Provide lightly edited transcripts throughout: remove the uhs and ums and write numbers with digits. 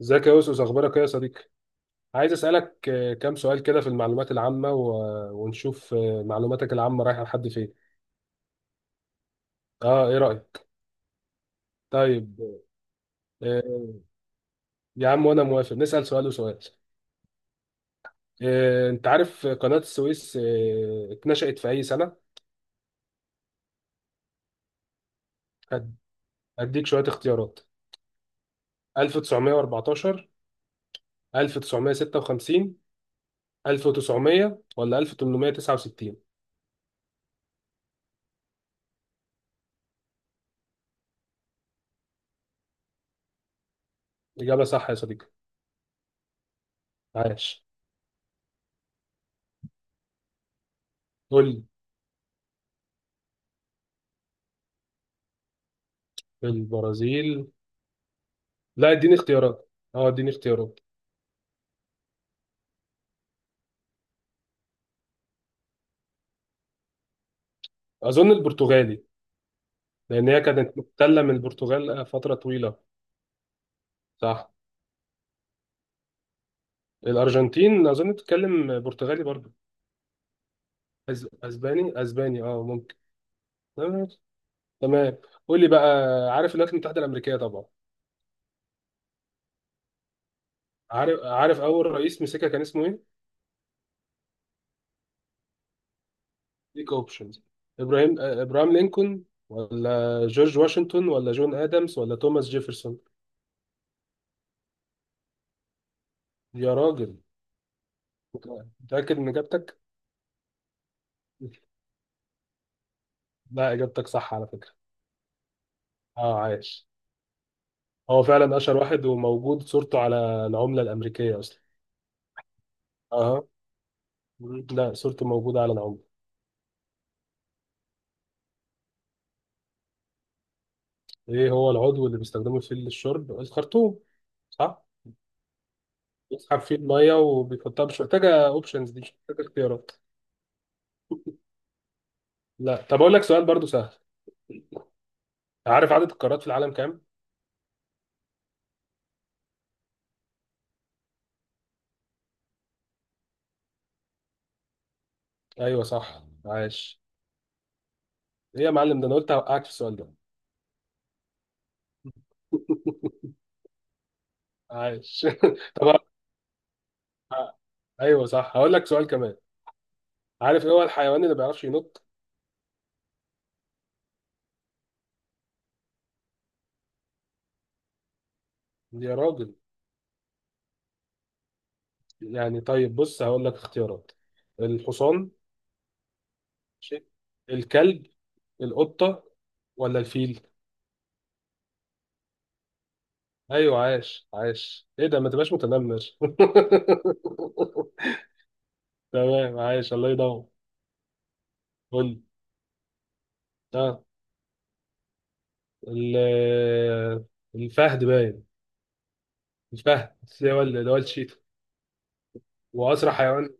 ازيك يا أوسوس، أخبارك إيه يا صديقي؟ عايز أسألك، كام سؤال كده في المعلومات العامة، ونشوف معلوماتك العامة رايحة لحد فين؟ أه، إيه رأيك؟ طيب. آه، يا عم وأنا موافق، نسأل سؤال وسؤال. أنت عارف قناة السويس اتنشأت في أي سنة؟ هد- هديك شوية اختيارات. 1914، 1956، 1900، ولا 1869؟ إجابة صح يا صديقي، عاش. قول لي، البرازيل. لا، اديني اختيارات. اه، اديني اختيارات. اظن البرتغالي، لان هي كانت محتله من البرتغال فتره طويله. صح. الارجنتين اظن بتتكلم برتغالي برضه. اسباني، اسباني، اه ممكن. تمام، تمام. قول لي بقى. عارف الولايات المتحده الامريكيه طبعا. عارف، عارف اول رئيس مسكها كان اسمه ايه. ليك اوبشنز، ابراهيم آه، ابراهام لينكولن، ولا جورج واشنطن، ولا جون ادمز، ولا توماس جيفرسون؟ يا راجل. متاكد من اجابتك؟ لا، اجابتك صح على فكره. اه، عايش. هو فعلا اشهر واحد، وموجود صورته على العمله الامريكيه اصلا. اها. مم. لا، صورته موجوده على العمله. ايه هو العضو اللي بيستخدمه للشرب؟ الخرطوم. صح، بيسحب فيه الميه وبيحطها. مش محتاجه اوبشنز دي، مش محتاجه اختيارات. لا، طب اقول لك سؤال برضو سهل. عارف عدد القارات في العالم كام؟ ايوه صح، عاش. ايه يا معلم، ده انا قلت هوقعك في السؤال ده. عاش. طب، ه- ايوه صح، هقول لك سؤال كمان. عارف ايه هو الحيوان اللي ما بيعرفش ينط؟ يا راجل. يعني طيب، بص هقول لك اختيارات. الحصان. ماشي. الكلب، القطة، ولا الفيل؟ ايوه، عاش، عاش. ايه ده، ما تبقاش متنمر. تمام، عاش الله يدور. قول لي. اه، ال- الفهد باين. الفهد، اللي هو الشيتا. واسرع حيوان،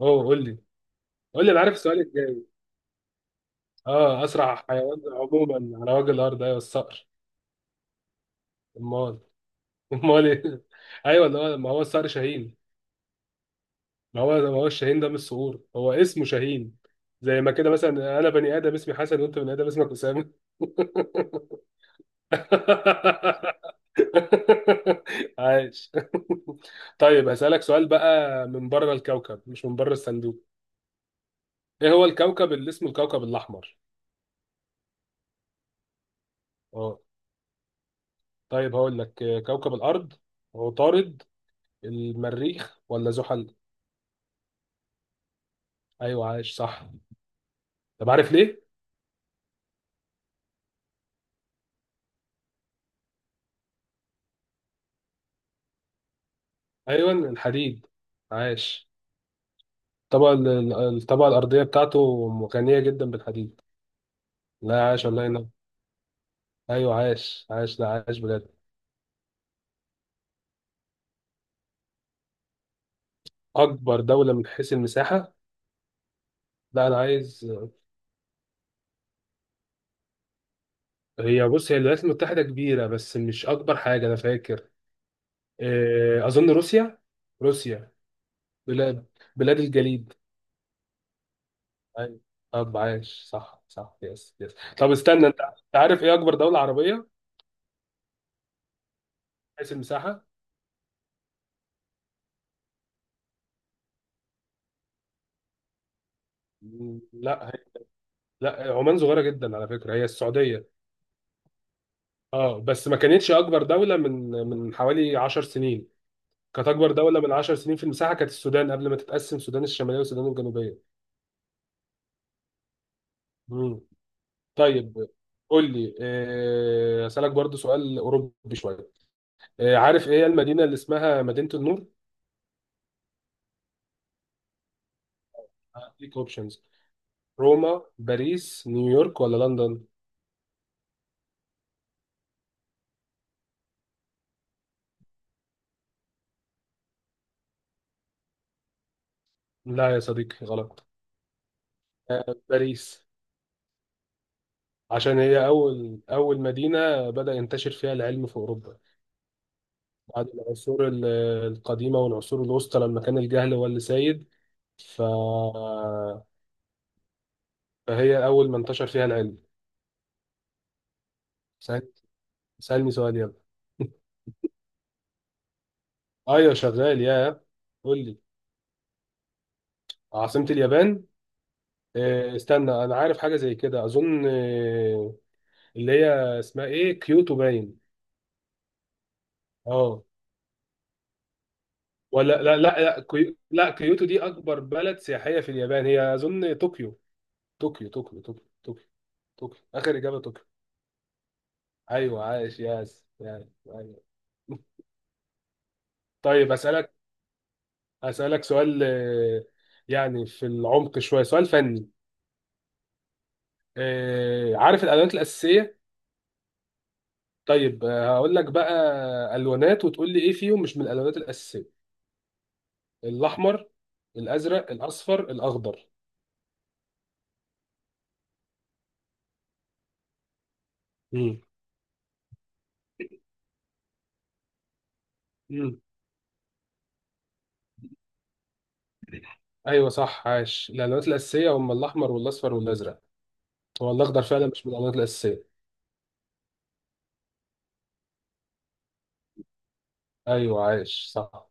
اوه قول لي، قول لي انا عارف السؤال الجاي. اه، اسرع حيوان عموما على وجه الارض ايوه الصقر. امال، امال ايه؟ ايوه، اللي هو، ما هو الصقر شاهين. ما هو، ما هو الشاهين ده مش صقور، هو اسمه شاهين. زي ما كده مثلا، انا بني ادم اسمي حسن، وانت بني ادم اسمك اسامه. عايش. طيب هسألك سؤال بقى من بره الكوكب، مش من بره الصندوق. ايه هو الكوكب اللي اسمه الكوكب الاحمر؟ اه. طيب هقول لك، كوكب الارض، عطارد، المريخ، ولا زحل؟ ايوه عايش، صح. طب عارف ليه؟ ايوه، الحديد. عايش. الطبقة الطبقة الأرضية بتاعته غنية جدا بالحديد. لا عاش، الله ينور. أيوة عاش، عاش، لا عاش بجد. أكبر دولة من حيث المساحة. لا أنا عايز. هي بص، هي الولايات المتحدة كبيرة بس مش أكبر حاجة أنا فاكر. أظن روسيا، روسيا. بلاد بلاد الجليد. أيوة. طب عاش، صح، صح، يس، يس. طب استنى، أنت عارف إيه أكبر دولة عربية من حيث المساحة؟ لا هي- لا، عمان صغيرة جدا على فكرة، هي السعودية. اه، بس ما كانتش اكبر دولة من حوالي 10 سنين. كانت اكبر دولة من 10 سنين في المساحة كانت السودان، قبل ما تتقسم السودان الشمالية والسودان الجنوبية. مم. طيب قول لي، اسالك برضو سؤال اوروبي شوية. عارف ايه هي المدينة اللي اسمها مدينة النور؟ هديك اوبشنز، روما، باريس، نيويورك، ولا لندن؟ لا يا صديقي، غلط. باريس، عشان هي اول مدينة بدأ ينتشر فيها العلم في اوروبا، بعد العصور القديمة والعصور الوسطى، لما كان الجهل هو اللي سيد. ف... فهي أول ما انتشر فيها العلم. سأل... سألني سؤال، يلا. أيوة شغال، يا. قول لي. عاصمة اليابان. استنى، أنا عارف حاجة زي كده، أظن اللي هي اسمها إيه، كيوتو باين. أه. ولا، لا لا لا، لا كيوتو دي أكبر بلد سياحية في اليابان. هي أظن طوكيو، طوكيو، طوكيو، طوكيو، طوكيو، طوكيو. آخر إجابة طوكيو. أيوة عايش، ياس، ياس، أيوة. طيب أسألك سؤال، يعني في العمق شوية، سؤال فني. عارف الألوانات الأساسية؟ طيب، هقول لك بقى ألوانات، وتقول لي إيه فيهم مش من الألوانات الأساسية. الأحمر، الأزرق، الأصفر، الأخضر. مم. مم. أيوه صح، عاش. الألوانات الأساسية هم الأحمر والأصفر والأزرق. هو الأخضر فعلا مش من الألوانات الأساسية. أيوه عاش، صح.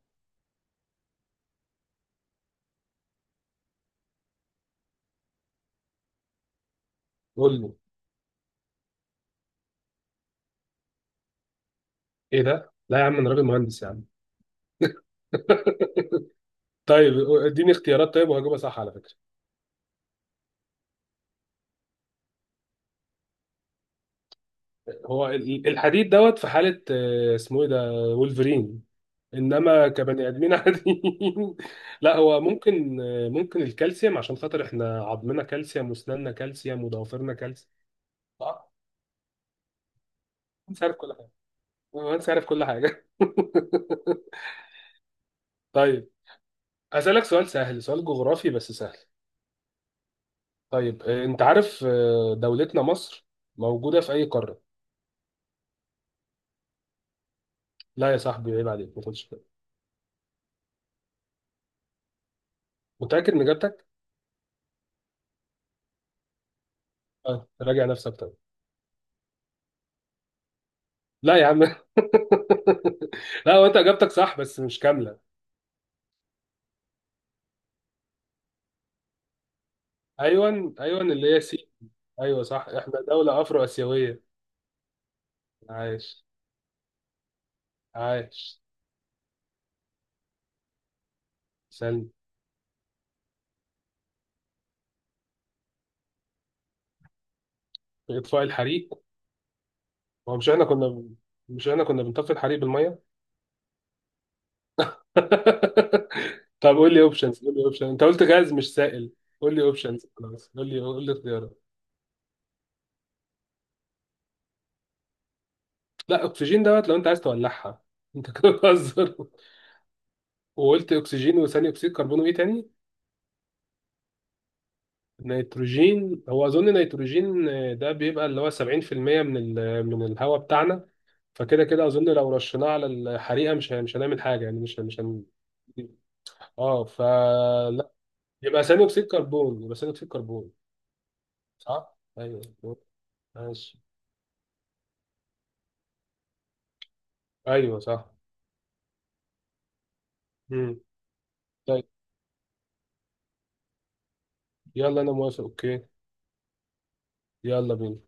قول لي. إيه ده؟ لا يا عم، أنا راجل مهندس يا عم. طيب اديني اختيارات طيب، وهجيبها صح على فكرة. هو الحديد دوت في حالة، اسمه ايه ده، وولفرين. انما كبني ادمين عاديين. لا هو ممكن، ممكن الكالسيوم، عشان خاطر احنا عظمنا كالسيوم، واسناننا كالسيوم، وضوافرنا كالسيوم. اه، انت عارف كل حاجة. انت عارف كل حاجة. طيب، هسألك سؤال سهل، سؤال جغرافي بس سهل. طيب، انت عارف دولتنا مصر موجودة في اي قارة. لا يا صاحبي عيب عليك، ما كنتش متأكد من اجابتك. اه، راجع نفسك طيب. لا يا عم. لا، هو انت اجابتك صح بس مش كامله. ايوه، ايوه، اللي هي سي. ايوه صح، احنا دوله افرو اسيويه. عايش، عايش. سلم. اطفاء الحريق. هو مش احنا كنا بنطفي الحريق بالميه. طب قول لي اوبشنز، قول لي اوبشن، انت قلت غاز مش سائل. قول لي اوبشنز، خلاص قول لي، قول لي اختيارات. لا، اكسجين دوت لو انت عايز تولعها. انت كده بتهزر. وقلت اكسجين، وثاني اكسيد كربون، وايه تاني؟ نيتروجين. هو اظن نيتروجين، ده بيبقى اللي هو 70% من الهواء بتاعنا. فكده كده اظن، لو رشيناه على الحريقه مش هنعمل حاجه، يعني مش هن- مش هن... اه، فلا. يبقى ثاني اكسيد كربون، يبقى ثاني اكسيد كربون. صح، ايوه. ماشي. ايوه صح. امم. طيب، يلا انا موافق، اوكي. يلا بينا.